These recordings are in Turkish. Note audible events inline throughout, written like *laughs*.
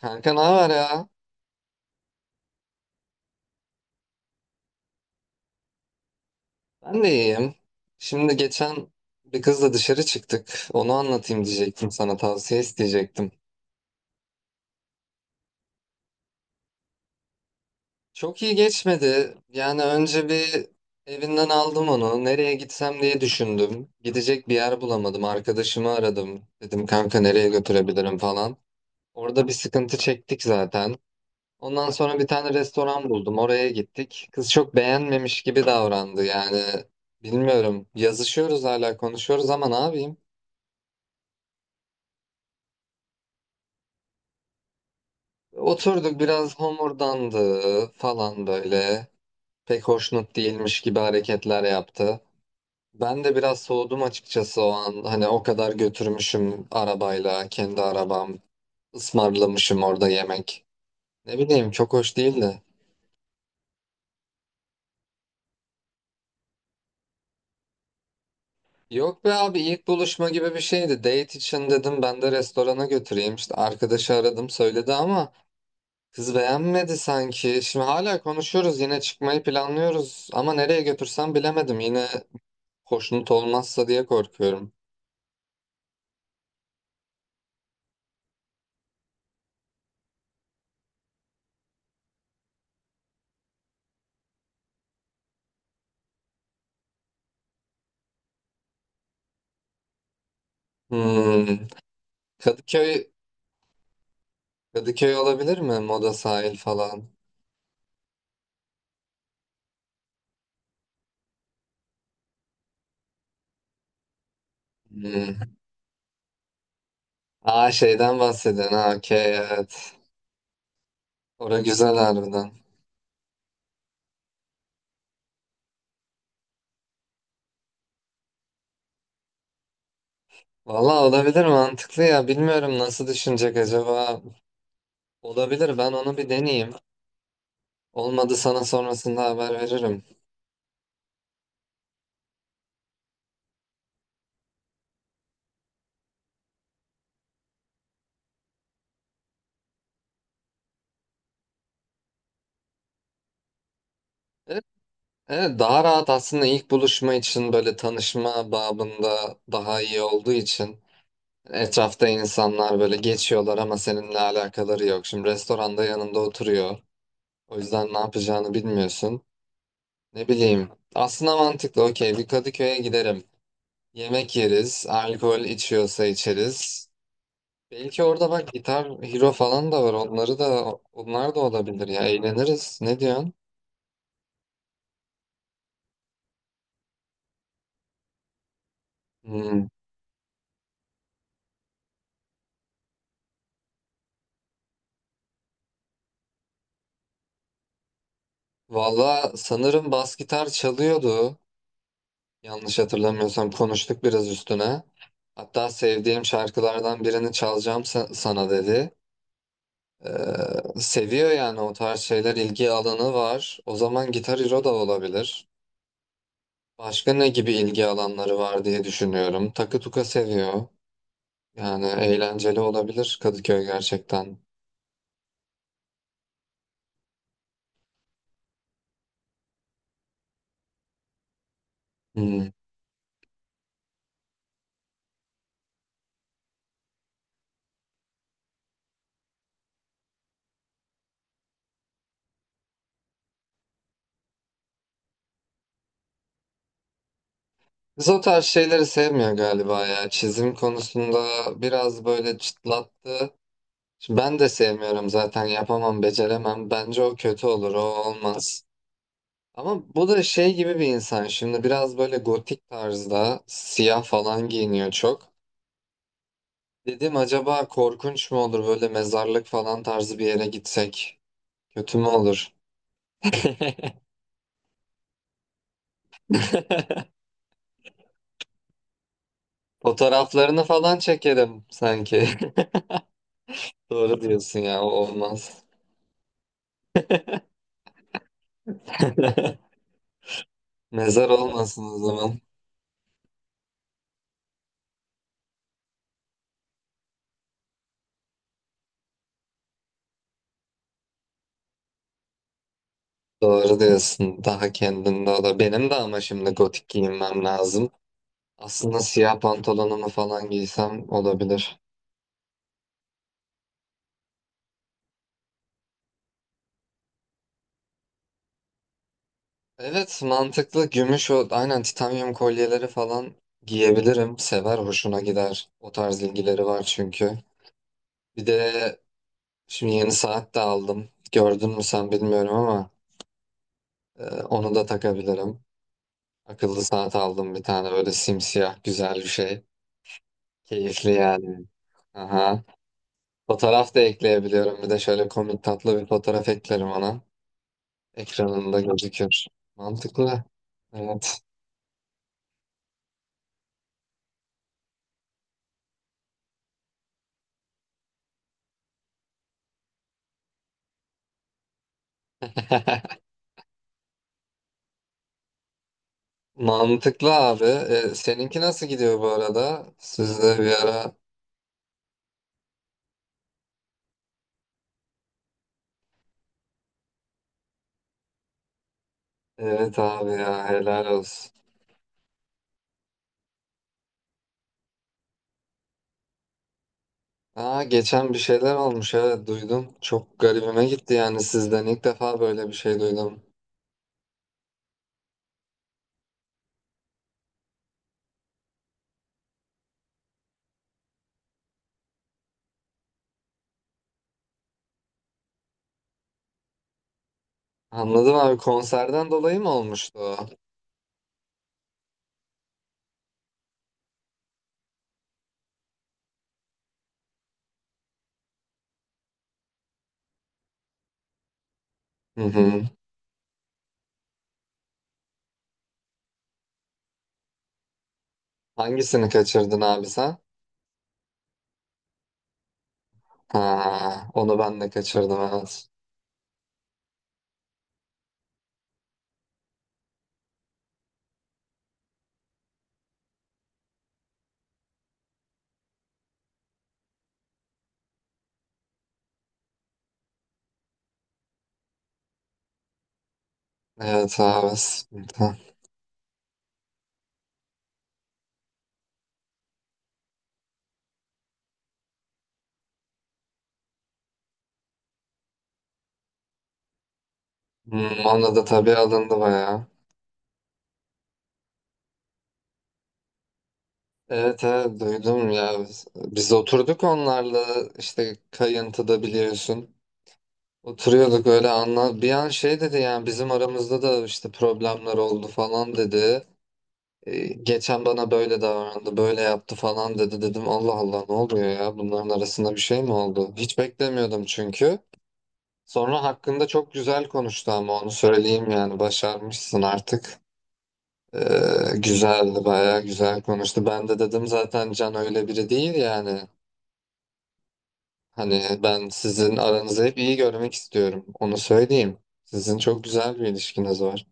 Kanka ne haber ya? Ben de iyiyim. Şimdi geçen bir kızla dışarı çıktık. Onu anlatayım diyecektim, sana tavsiye isteyecektim. Çok iyi geçmedi. Yani önce bir evinden aldım onu. Nereye gitsem diye düşündüm. Gidecek bir yer bulamadım. Arkadaşımı aradım. Dedim kanka nereye götürebilirim falan. Orada bir sıkıntı çektik zaten. Ondan sonra bir tane restoran buldum. Oraya gittik. Kız çok beğenmemiş gibi davrandı. Yani bilmiyorum. Yazışıyoruz hala, konuşuyoruz ama ne yapayım? Oturduk, biraz homurdandı falan böyle. Pek hoşnut değilmiş gibi hareketler yaptı. Ben de biraz soğudum açıkçası o an. Hani o kadar götürmüşüm arabayla, kendi arabam. Ismarlamışım orada yemek. Ne bileyim, çok hoş değildi. Yok be abi, ilk buluşma gibi bir şeydi. Date için dedim, ben de restorana götüreyim. İşte arkadaşı aradım, söyledi ama kız beğenmedi sanki. Şimdi hala konuşuyoruz, yine çıkmayı planlıyoruz. Ama nereye götürsem bilemedim yine. Hoşnut olmazsa diye korkuyorum. Hmm. Kadıköy Kadıköy olabilir mi? Moda sahil falan. Hmm. Aa, şeyden bahsediyorsun. Ha, okey, evet. Ora güzel harbiden. Valla olabilir, mantıklı ya. Bilmiyorum nasıl düşünecek acaba. Olabilir, ben onu bir deneyeyim. Olmadı, sana sonrasında haber veririm. Evet, evet, daha rahat aslında ilk buluşma için, böyle tanışma babında daha iyi olduğu için. Etrafta insanlar böyle geçiyorlar ama seninle alakaları yok. Şimdi restoranda yanında oturuyor. O yüzden ne yapacağını bilmiyorsun. Ne bileyim. Aslında mantıklı. Okey, bir Kadıköy'e giderim. Yemek yeriz. Alkol içiyorsa içeriz. Belki orada bak, gitar, hero falan da var. Onları da, onlar da olabilir ya. Eğleniriz. Ne diyorsun? Hmm. Valla sanırım bas gitar çalıyordu. Yanlış hatırlamıyorsam konuştuk biraz üstüne. Hatta sevdiğim şarkılardan birini çalacağım sana dedi. Ee, seviyor yani, o tarz şeyler ilgi alanı var. O zaman Gitar Hero da olabilir. Başka ne gibi ilgi alanları var diye düşünüyorum. Takı tuka seviyor. Yani eğlenceli olabilir Kadıköy gerçekten. Hmm. Biz o tarz şeyleri sevmiyor galiba ya. Çizim konusunda biraz böyle çıtlattı. Ben de sevmiyorum zaten, yapamam, beceremem. Bence o kötü olur, o olmaz. Ama bu da şey gibi bir insan, şimdi biraz böyle gotik tarzda siyah falan giyiniyor çok. Dedim acaba korkunç mu olur böyle mezarlık falan tarzı bir yere gitsek? Kötü mü olur? *laughs* Fotoğraflarını falan çekerim sanki. *laughs* Doğru diyorsun ya, o olmaz. *laughs* Mezar olmasın o zaman. Doğru diyorsun, daha kendinde o da. Benim de ama şimdi gotik giyinmem lazım. Aslında siyah pantolonumu falan giysem olabilir. Evet, mantıklı. Gümüş o, aynen, titanyum kolyeleri falan giyebilirim. Sever, hoşuna gider. O tarz ilgileri var çünkü. Bir de şimdi yeni saat de aldım. Gördün mü sen bilmiyorum ama onu da takabilirim. Akıllı saat aldım bir tane, böyle simsiyah güzel bir şey. Keyifli yani. Aha. Fotoğraf da ekleyebiliyorum. Bir de şöyle komik tatlı bir fotoğraf eklerim ona. Ekranında gözükür. Mantıklı. Evet. Mantıklı abi. E, seninki nasıl gidiyor bu arada? Sizde bir ara. Evet abi ya, helal olsun. Aa, geçen bir şeyler olmuş, evet, duydum. Çok garibime gitti yani, sizden ilk defa böyle bir şey duydum. Anladım abi, konserden dolayı mı olmuştu o? Hı hı. Hangisini kaçırdın abi sen? Ha, onu ben de kaçırdım, evet. Evet abi. Sıkıntı. Hmm, ona da tabii alındı bayağı. Evet, evet, duydum ya. Biz oturduk onlarla işte kayıntıda, biliyorsun. Oturuyorduk öyle, anla. Bir an şey dedi yani, bizim aramızda da işte problemler oldu falan dedi. Geçen bana böyle davrandı, böyle yaptı falan dedi. Dedim Allah Allah, ne oluyor ya? Bunların arasında bir şey mi oldu? Hiç beklemiyordum çünkü. Sonra hakkında çok güzel konuştu, ama onu söyleyeyim yani, başarmışsın artık. Ee, güzeldi, bayağı güzel konuştu. Ben de dedim zaten Can öyle biri değil yani. Hani ben sizin aranızı hep iyi görmek istiyorum. Onu söyleyeyim. Sizin çok güzel bir ilişkiniz var.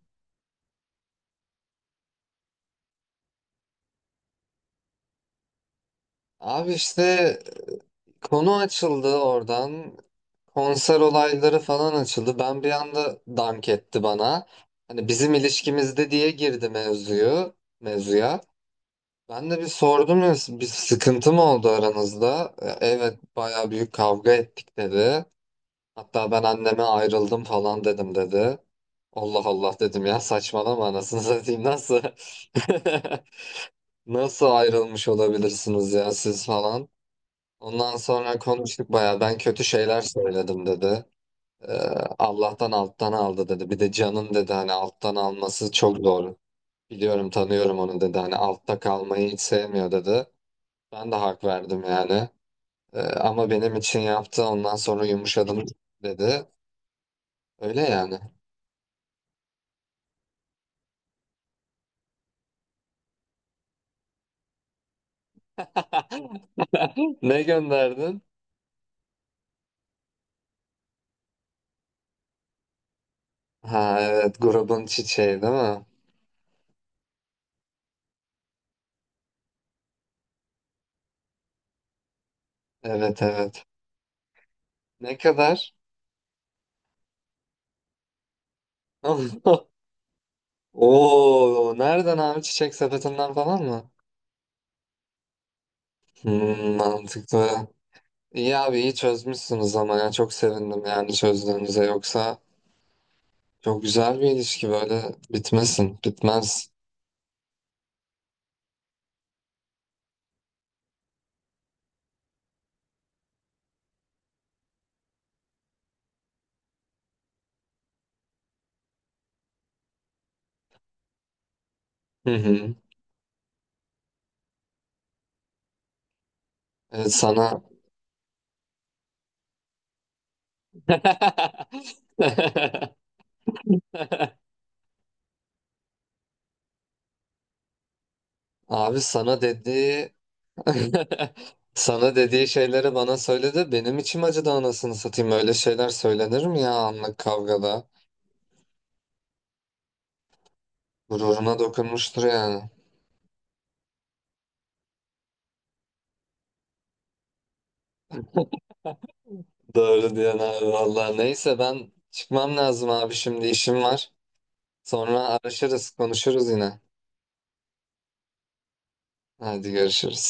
Abi işte konu açıldı oradan. Konser olayları falan açıldı. Ben, bir anda dank etti bana. Hani bizim ilişkimizde diye girdi mevzuya. Ben de bir sordum ya, bir sıkıntı mı oldu aranızda? Evet bayağı büyük kavga ettik dedi. Hatta ben anneme ayrıldım falan dedim dedi. Allah Allah dedim ya, saçmalama anasını satayım, nasıl? *laughs* Nasıl ayrılmış olabilirsiniz ya siz falan. Ondan sonra konuştuk, baya ben kötü şeyler söyledim dedi. Ee, Allah'tan alttan aldı dedi. Bir de canın dedi, hani alttan alması çok zor. Biliyorum, tanıyorum onu dedi, hani altta kalmayı hiç sevmiyor dedi. Ben de hak verdim yani. Ama benim için yaptı, ondan sonra yumuşadım dedi. Öyle yani. *laughs* Ne gönderdin? Ha evet, grubun çiçeği değil mi? Evet, evet. Ne kadar? *laughs* Oo, nereden abi, çiçek sepetinden falan mı? Hmm, mantıklı. İyi abi, iyi çözmüşsünüz ama, ya çok sevindim yani çözdüğünüze, yoksa çok güzel bir ilişki, böyle bitmesin, bitmez. Hı hı. Evet *laughs* abi sana dediği Sana dediği şeyleri bana söyledi. Benim içim acıdı anasını satayım. Öyle şeyler söylenir mi ya, anlık kavgada? Gururuna dokunmuştur yani. Doğru diyorsun abi valla. Neyse ben çıkmam lazım abi, şimdi işim var. Sonra araşırız konuşuruz yine. Hadi görüşürüz.